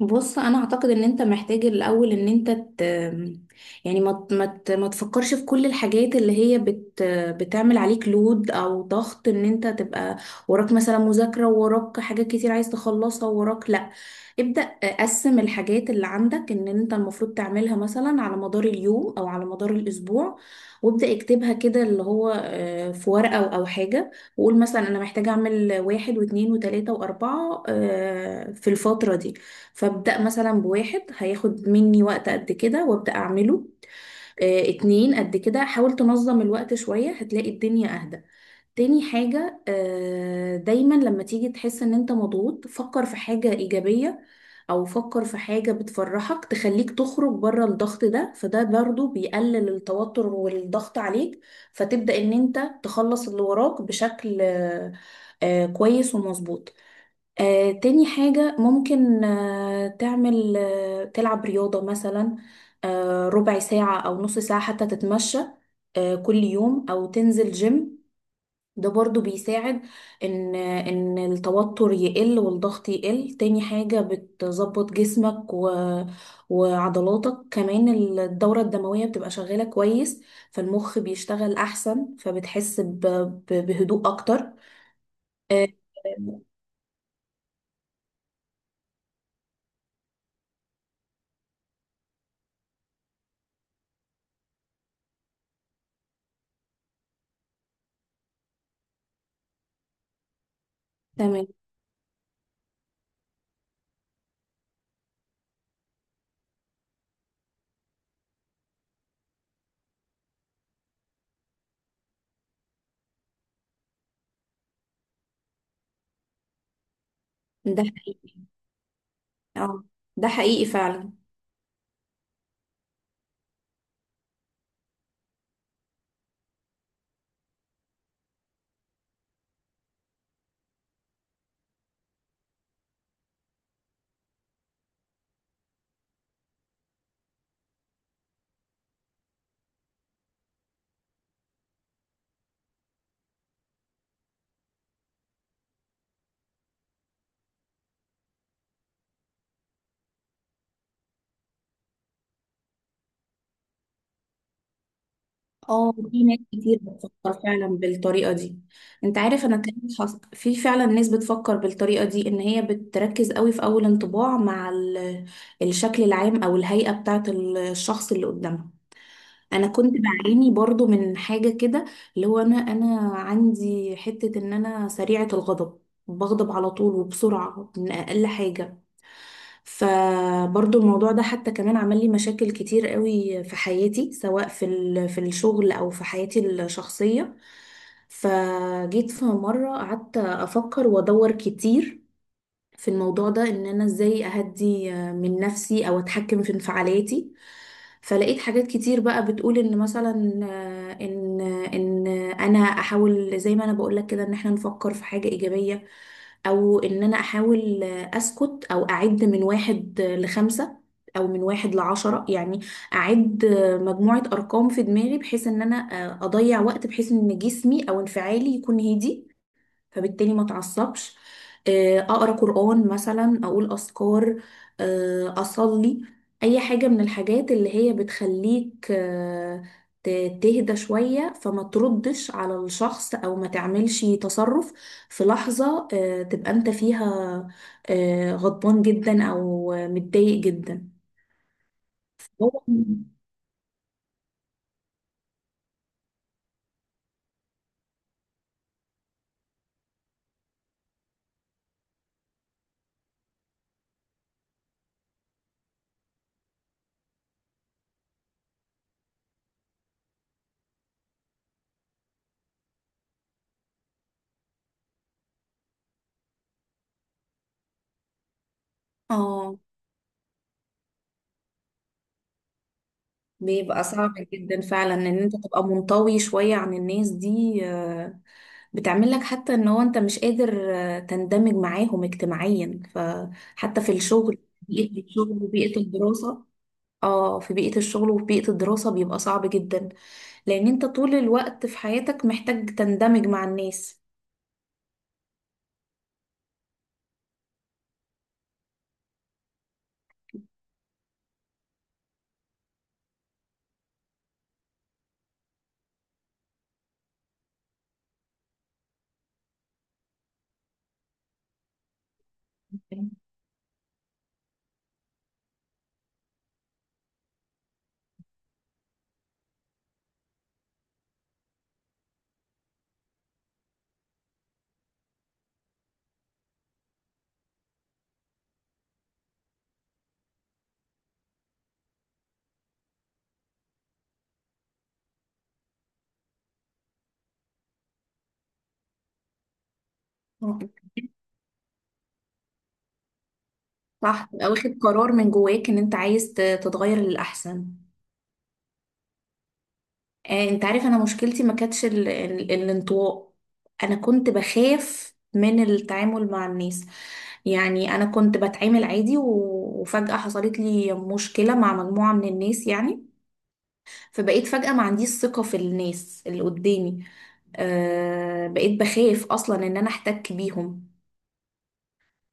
بص انا اعتقد ان انت محتاج الاول يعني ما تفكرش في كل الحاجات اللي هي بتعمل عليك لود او ضغط. ان انت تبقى وراك مثلا مذاكرة، وراك حاجات كتير عايز تخلصها، وراك لا. ابدأ، قسم الحاجات اللي عندك ان انت المفروض تعملها مثلا على مدار اليوم او على مدار الاسبوع، وابدأ اكتبها كده اللي هو في ورقة أو حاجة. وقول مثلا انا محتاجة اعمل واحد واثنين وثلاثة واربعة في الفترة دي. فابدأ مثلا بواحد هياخد مني وقت قد كده وابدأ أعمله، اتنين قد كده. حاول تنظم الوقت شوية هتلاقي الدنيا أهدى. تاني حاجة، دايما لما تيجي تحس ان انت مضغوط فكر في حاجة إيجابية، أو فكر في حاجة بتفرحك تخليك تخرج بره الضغط ده، فده برضو بيقلل التوتر والضغط عليك، فتبدأ ان انت تخلص اللي وراك بشكل كويس ومظبوط. تاني حاجة، ممكن تعمل، تلعب رياضة مثلا، ربع ساعة أو نص ساعة حتى تتمشى، كل يوم، أو تنزل جيم. ده برضو بيساعد إن التوتر يقل والضغط يقل. تاني حاجة بتظبط جسمك و... وعضلاتك كمان. الدورة الدموية بتبقى شغالة كويس، فالمخ بيشتغل أحسن فبتحس ب... ب- بهدوء أكتر. آه، تمام. ده اه، ده حقيقي فعلا. اه، في ناس كتير بتفكر فعلا بالطريقة دي. انت عارف انا كمان في فعلا ناس بتفكر بالطريقة دي ان هي بتركز قوي في اول انطباع مع الشكل العام او الهيئة بتاعة الشخص اللي قدامها. انا كنت بعاني برضو من حاجة كده، اللي هو انا عندي حتة ان انا سريعة الغضب. بغضب على طول وبسرعة من اقل حاجة. فبرضو الموضوع ده حتى كمان عمل لي مشاكل كتير قوي في حياتي، سواء في في الشغل او في حياتي الشخصية. فجيت في مرة قعدت افكر وادور كتير في الموضوع ده، ان انا ازاي اهدي من نفسي او اتحكم في انفعالاتي. فلقيت حاجات كتير بقى بتقول ان مثلا آه، ان ان انا احاول زي ما انا بقول لك كده ان احنا نفكر في حاجة ايجابية، او ان انا احاول اسكت او اعد من واحد لخمسة، او من واحد لعشرة. يعني اعد مجموعة ارقام في دماغي، بحيث ان انا اضيع وقت، بحيث ان جسمي او انفعالي يكون هادي، فبالتالي ما اتعصبش. اقرا قران مثلا، اقول اذكار، اصلي. اي حاجه من الحاجات اللي هي بتخليك ت- تهدى شويه، فما تردش على الشخص او ما تعملش تصرف في لحظه تبقى انت فيها غضبان جدا او متضايق جدا. هو- اه، بيبقى صعب جدا فعلا ان انت تبقى منطوي شوية عن الناس دي، بتعمل لك حتى ان هو انت مش قادر تندمج معاهم اجتماعيا، فحتى في الشغل بيئة الشغل وبيئة الدراسة. اه، في بيئة الشغل وفي بيئة الدراسة بيبقى صعب جدا، لان انت طول الوقت في حياتك محتاج تندمج مع الناس. آه، صح، تبقى واخد قرار من جواك ان انت عايز تتغير للأحسن. انت عارف انا مشكلتي ما كانتش الانطواء. انا كنت بخاف من التعامل مع الناس. يعني انا كنت بتعامل عادي وفجأة حصلت لي مشكلة مع مجموعة من الناس يعني، فبقيت فجأة ما عنديش ثقة في الناس اللي قدامي. بقيت بخاف اصلا ان انا احتك بيهم.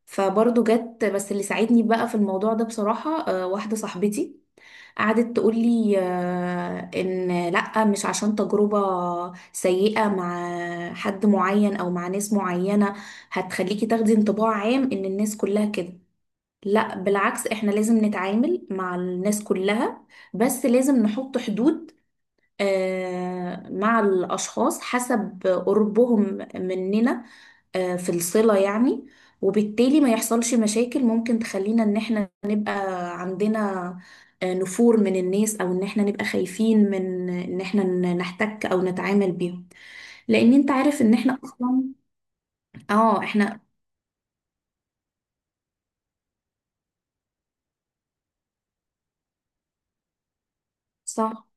فبرضه جت بس اللي ساعدني بقى في الموضوع ده بصراحة واحدة صاحبتي. قعدت تقولي ان لا، مش عشان تجربة سيئة مع حد معين او مع ناس معينة هتخليكي تاخدي انطباع عام ان الناس كلها كده. لا، بالعكس، احنا لازم نتعامل مع الناس كلها، بس لازم نحط حدود مع الاشخاص حسب قربهم مننا في الصلة يعني. وبالتالي ما يحصلش مشاكل ممكن تخلينا ان احنا نبقى عندنا نفور من الناس، او ان احنا نبقى خايفين من ان احنا نحتك او نتعامل بيهم. لان انت عارف ان احنا اصلا. اه، احنا. صح.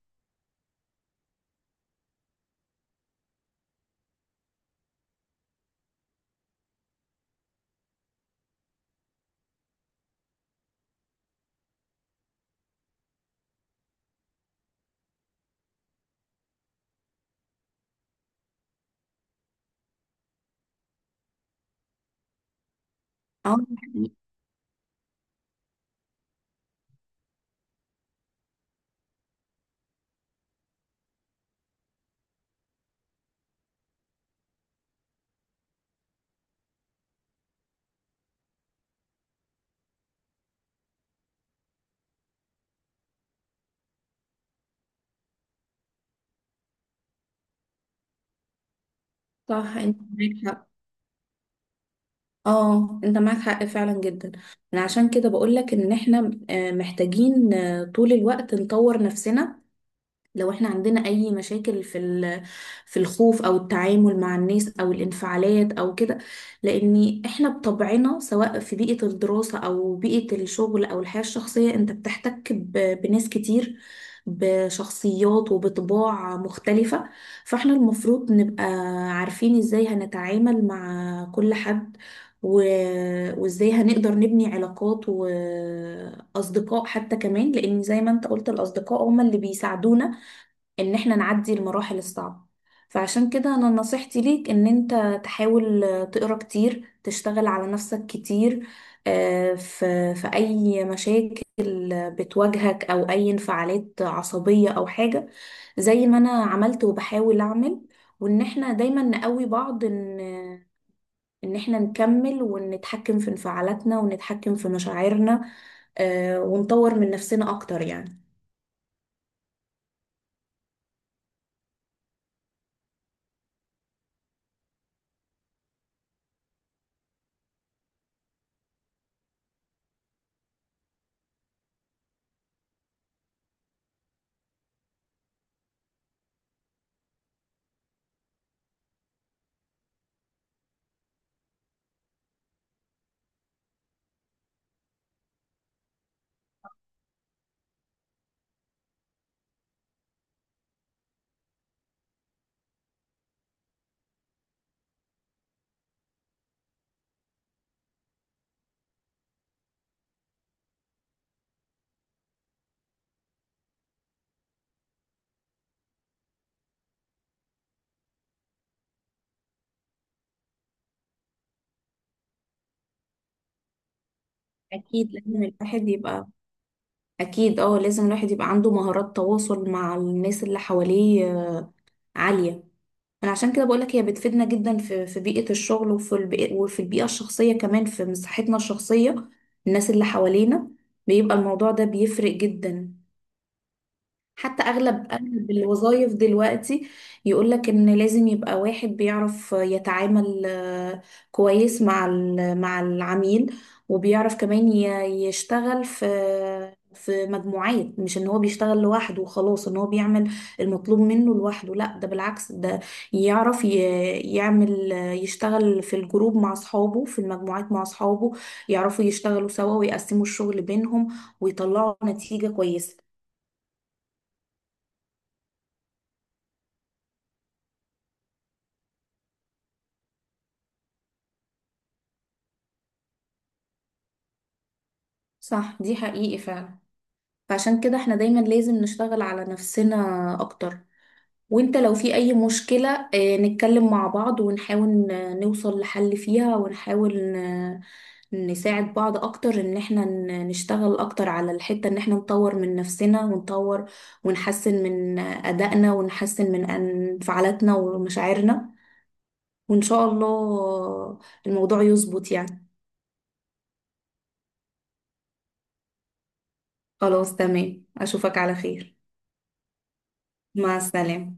اه، صح، انت معاك حق. اه، انت معاك حق فعلا جدا. انا عشان كده بقولك ان احنا محتاجين طول الوقت نطور نفسنا، لو احنا عندنا اي مشاكل في في الخوف او التعامل مع الناس او الانفعالات او كده. لان احنا بطبعنا سواء في بيئة الدراسة او بيئة الشغل او الحياة الشخصية انت بتحتك بناس كتير، بشخصيات وبطباع مختلفة. فاحنا المفروض نبقى عارفين ازاي هنتعامل مع كل حد، و... وازاي هنقدر نبني علاقات واصدقاء حتى كمان، لان زي ما انت قلت الاصدقاء هم اللي بيساعدونا ان احنا نعدي المراحل الصعبة. فعشان كده انا نصيحتي ليك ان انت تحاول تقرا كتير، تشتغل على نفسك كتير في اي مشاكل بتواجهك او اي انفعالات عصبية او حاجة زي ما انا عملت وبحاول اعمل، وان احنا دايما نقوي بعض ان احنا نكمل ونتحكم في انفعالاتنا ونتحكم في مشاعرنا، ونطور من نفسنا اكتر يعني. اكيد لازم الواحد يبقى. أكيد، اه لازم الواحد يبقى عنده مهارات تواصل مع الناس اللي حواليه عالية. أنا عشان كده بقولك هي بتفيدنا جدا في في بيئة الشغل وفي البيئة وفي البيئة الشخصية كمان، في مساحتنا الشخصية الناس اللي حوالينا بيبقى الموضوع ده بيفرق جدا. حتى اغلب اغلب الوظائف دلوقتي يقولك ان لازم يبقى واحد بيعرف يتعامل كويس مع مع العميل، وبيعرف كمان يشتغل في في مجموعات. مش ان هو بيشتغل لوحده وخلاص، ان هو بيعمل المطلوب منه لوحده، لا ده بالعكس. ده يعرف يعمل، يشتغل في الجروب مع اصحابه، في المجموعات مع اصحابه، يعرفوا يشتغلوا سوا ويقسموا الشغل بينهم ويطلعوا نتيجة كويسة. صح، دي حقيقي فعلا. فعشان كده احنا دايما لازم نشتغل على نفسنا اكتر. وانت لو في اي مشكلة، اه، نتكلم مع بعض ونحاول نوصل لحل فيها، ونحاول نساعد بعض اكتر ان احنا نشتغل اكتر على الحتة ان احنا نطور من نفسنا، ونطور ونحسن من ادائنا ونحسن من انفعالاتنا ومشاعرنا، وان شاء الله الموضوع يظبط يعني. خلاص تمام، اشوفك على خير. مع السلامة.